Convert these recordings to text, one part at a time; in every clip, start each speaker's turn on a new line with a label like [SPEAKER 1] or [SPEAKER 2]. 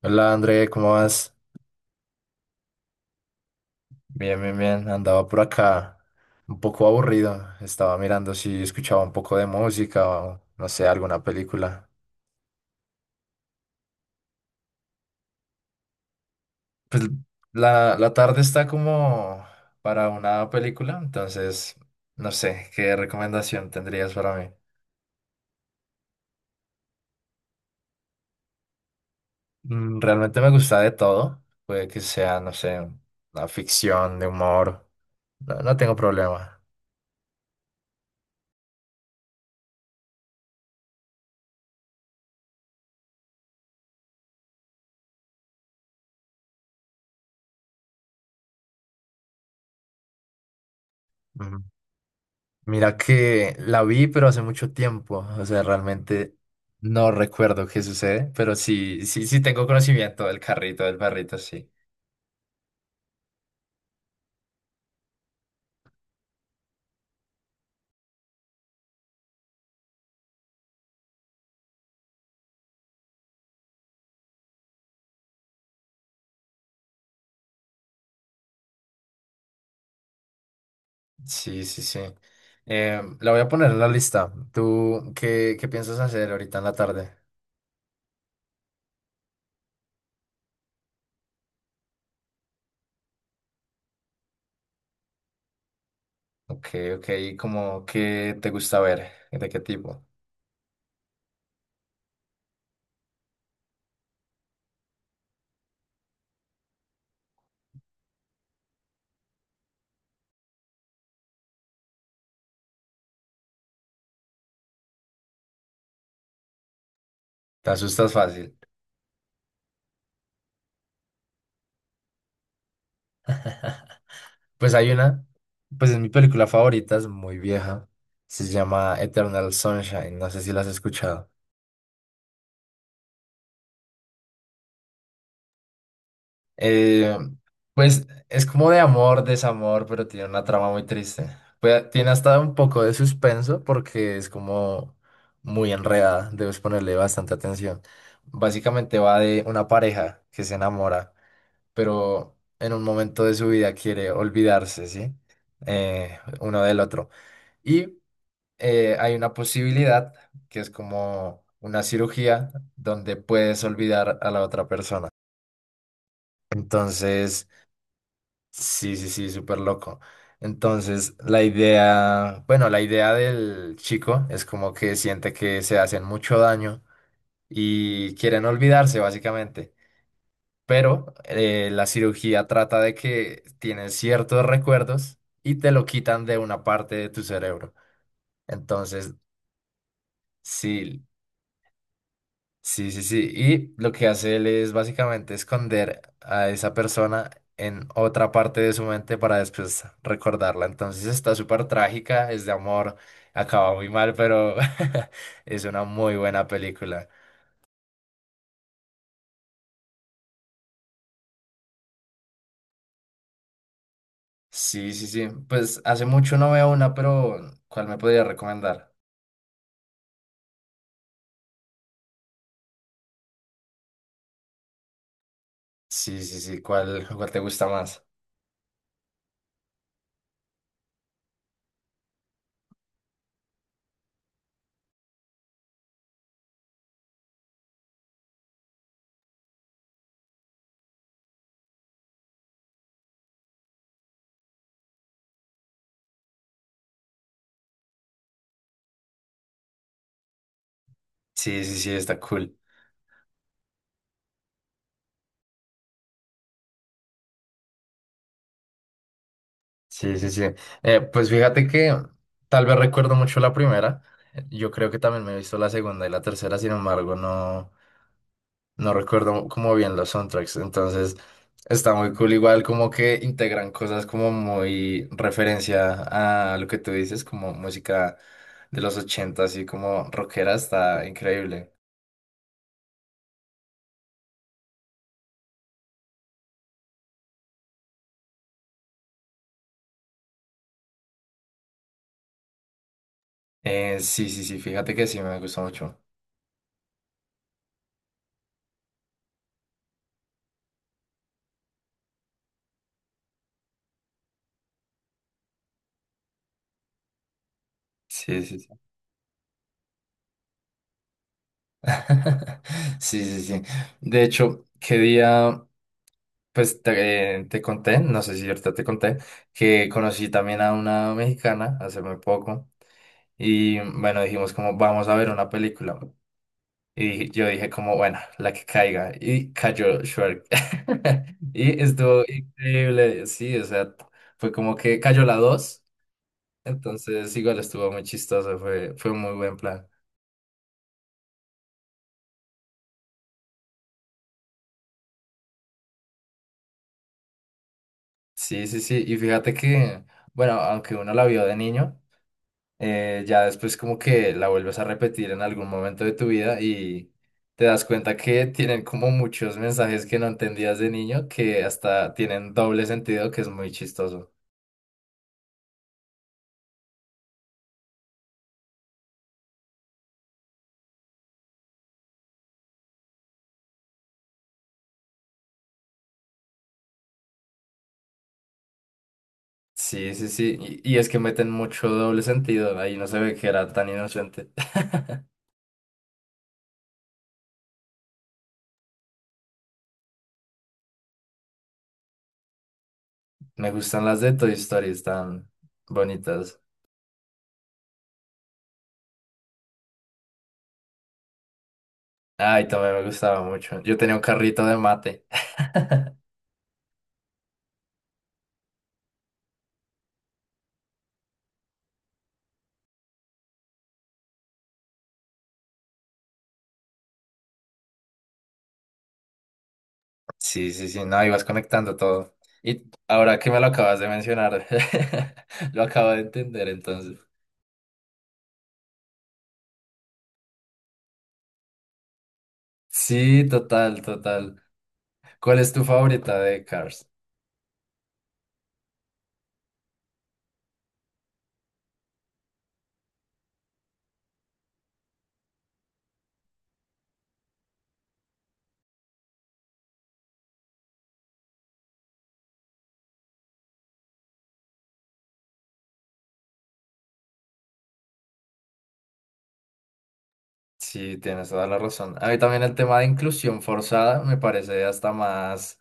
[SPEAKER 1] Hola André, ¿cómo vas? Bien, bien, bien. Andaba por acá un poco aburrido. Estaba mirando si escuchaba un poco de música o no sé, alguna película. Pues la tarde está como para una película, entonces no sé, ¿qué recomendación tendrías para mí? Mm, realmente me gusta de todo. Puede que sea, no sé, una ficción de humor. No, no tengo problema. Mira que la vi, pero hace mucho tiempo. O sea, realmente no recuerdo qué sucede, pero sí, sí, sí tengo conocimiento del carrito, del perrito, sí. Sí, sí, sí. La voy a poner en la lista. ¿Tú qué piensas hacer ahorita en la tarde? Ok, ok. ¿Cómo qué te gusta ver? ¿De qué tipo? ¿Te asustas fácil? Pues hay una, pues es mi película favorita, es muy vieja. Se llama Eternal Sunshine. No sé si la has escuchado. Eh, pues es como de amor, desamor, pero tiene una trama muy triste. Pues, tiene hasta un poco de suspenso porque es como muy enredada, debes ponerle bastante atención. Básicamente va de una pareja que se enamora, pero en un momento de su vida quiere olvidarse, ¿sí? Uno del otro. Y hay una posibilidad que es como una cirugía donde puedes olvidar a la otra persona. Entonces... Sí, sí, sí, súper loco. Entonces, la idea, bueno, la idea del chico es como que siente que se hacen mucho daño y quieren olvidarse, básicamente. Pero la cirugía trata de que tienes ciertos recuerdos y te lo quitan de una parte de tu cerebro. Entonces, sí. Sí, sí, sí. Y lo que hace él es básicamente esconder a esa persona en otra parte de su mente para después recordarla. Entonces está súper trágica, es de amor, acaba muy mal, pero es una muy buena película. Sí, sí, sí. Pues hace mucho no veo una, pero ¿cuál me podría recomendar? Sí, sí, sí. ¿Cuál te gusta más? Sí, sí, sí, está cool. Sí, sí, sí. Pues fíjate que tal vez recuerdo mucho la primera. Yo creo que también me he visto la segunda y la tercera, sin embargo, no, no recuerdo como bien los soundtracks. Entonces, está muy cool. Igual como que integran cosas como muy referencia a lo que tú dices, como música de los 80 así como rockera, está increíble. Sí, sí, sí, fíjate que sí, me gustó mucho. Sí, sí, sí. Sí, sí, sí. De hecho, ¿qué día? Pues te, te conté, no sé si ahorita te conté, que conocí también a una mexicana hace muy poco y bueno, dijimos como vamos a ver una película y yo dije como bueno, la que caiga y cayó Shrek y estuvo increíble, sí, o sea, fue como que cayó la dos, entonces igual estuvo muy chistoso, fue un muy buen plan. Sí, sí, sí, y fíjate que, bueno, aunque uno la vio de niño. Ya después como que la vuelves a repetir en algún momento de tu vida y te das cuenta que tienen como muchos mensajes que no entendías de niño que hasta tienen doble sentido, que es muy chistoso. Sí, sí, sí. Y es que meten mucho doble sentido. Ahí no se ve que era tan inocente. Me gustan las de Toy Story, están bonitas. Ay, también me gustaba mucho. Yo tenía un carrito de mate. Sí, sí, sí, no, ibas conectando todo. Y ahora que me lo acabas de mencionar, lo acabo de entender entonces. Sí, total, total. ¿Cuál es tu favorita de Cars? Sí, tienes toda la razón. A mí también el tema de inclusión forzada me parece hasta más,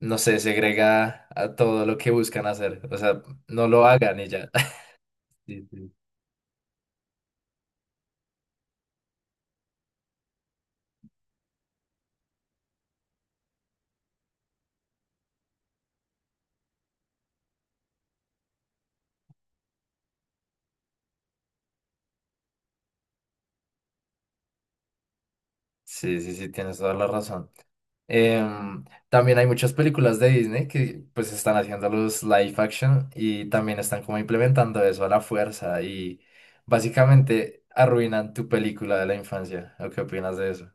[SPEAKER 1] no sé, segrega a todo lo que buscan hacer. O sea, no lo hagan y ya. Sí, sí, sí, sí, sí, tienes toda la razón. También hay muchas películas de Disney que pues están haciendo los live action y también están como implementando eso a la fuerza y básicamente arruinan tu película de la infancia. ¿O qué opinas de eso?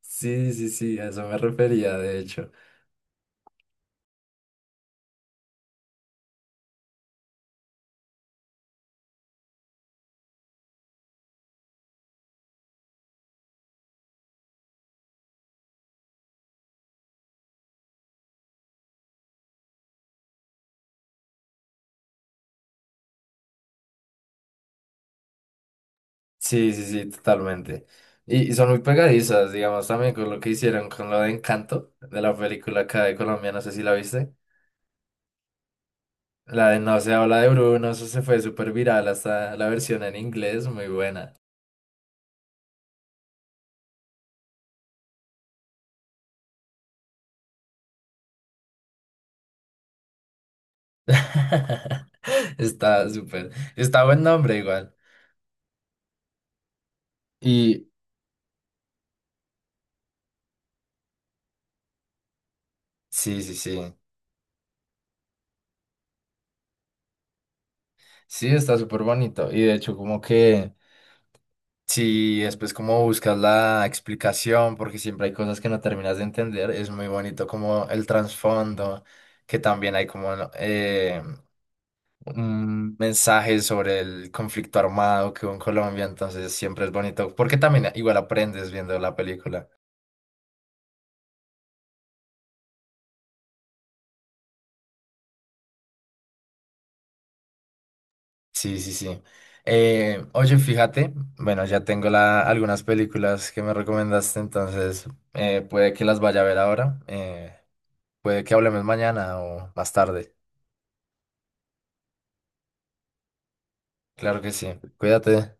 [SPEAKER 1] Sí, sí, sí, a eso me refería, de hecho. Sí, sí, sí, totalmente. Y son muy pegadizas, digamos, también con lo que hicieron con lo de Encanto, de la película acá de Colombia, no sé si la viste. La de No se habla de Bruno, eso se fue súper viral, hasta la versión en inglés, muy buena. Está súper, está buen nombre igual. Y sí, sí, sí, sí, está súper bonito. Y de hecho, como que si después como buscas la explicación, porque siempre hay cosas que no terminas de entender, es muy bonito como el trasfondo, que también hay como ¿no? Un mensaje sobre el conflicto armado que hubo en Colombia, entonces siempre es bonito, porque también igual aprendes viendo la película. Sí, sí, sí. Oye, fíjate, bueno, ya tengo la- algunas películas que me recomendaste, entonces puede que las vaya a ver ahora, puede que hablemos mañana o más tarde. Claro que sí. Cuídate.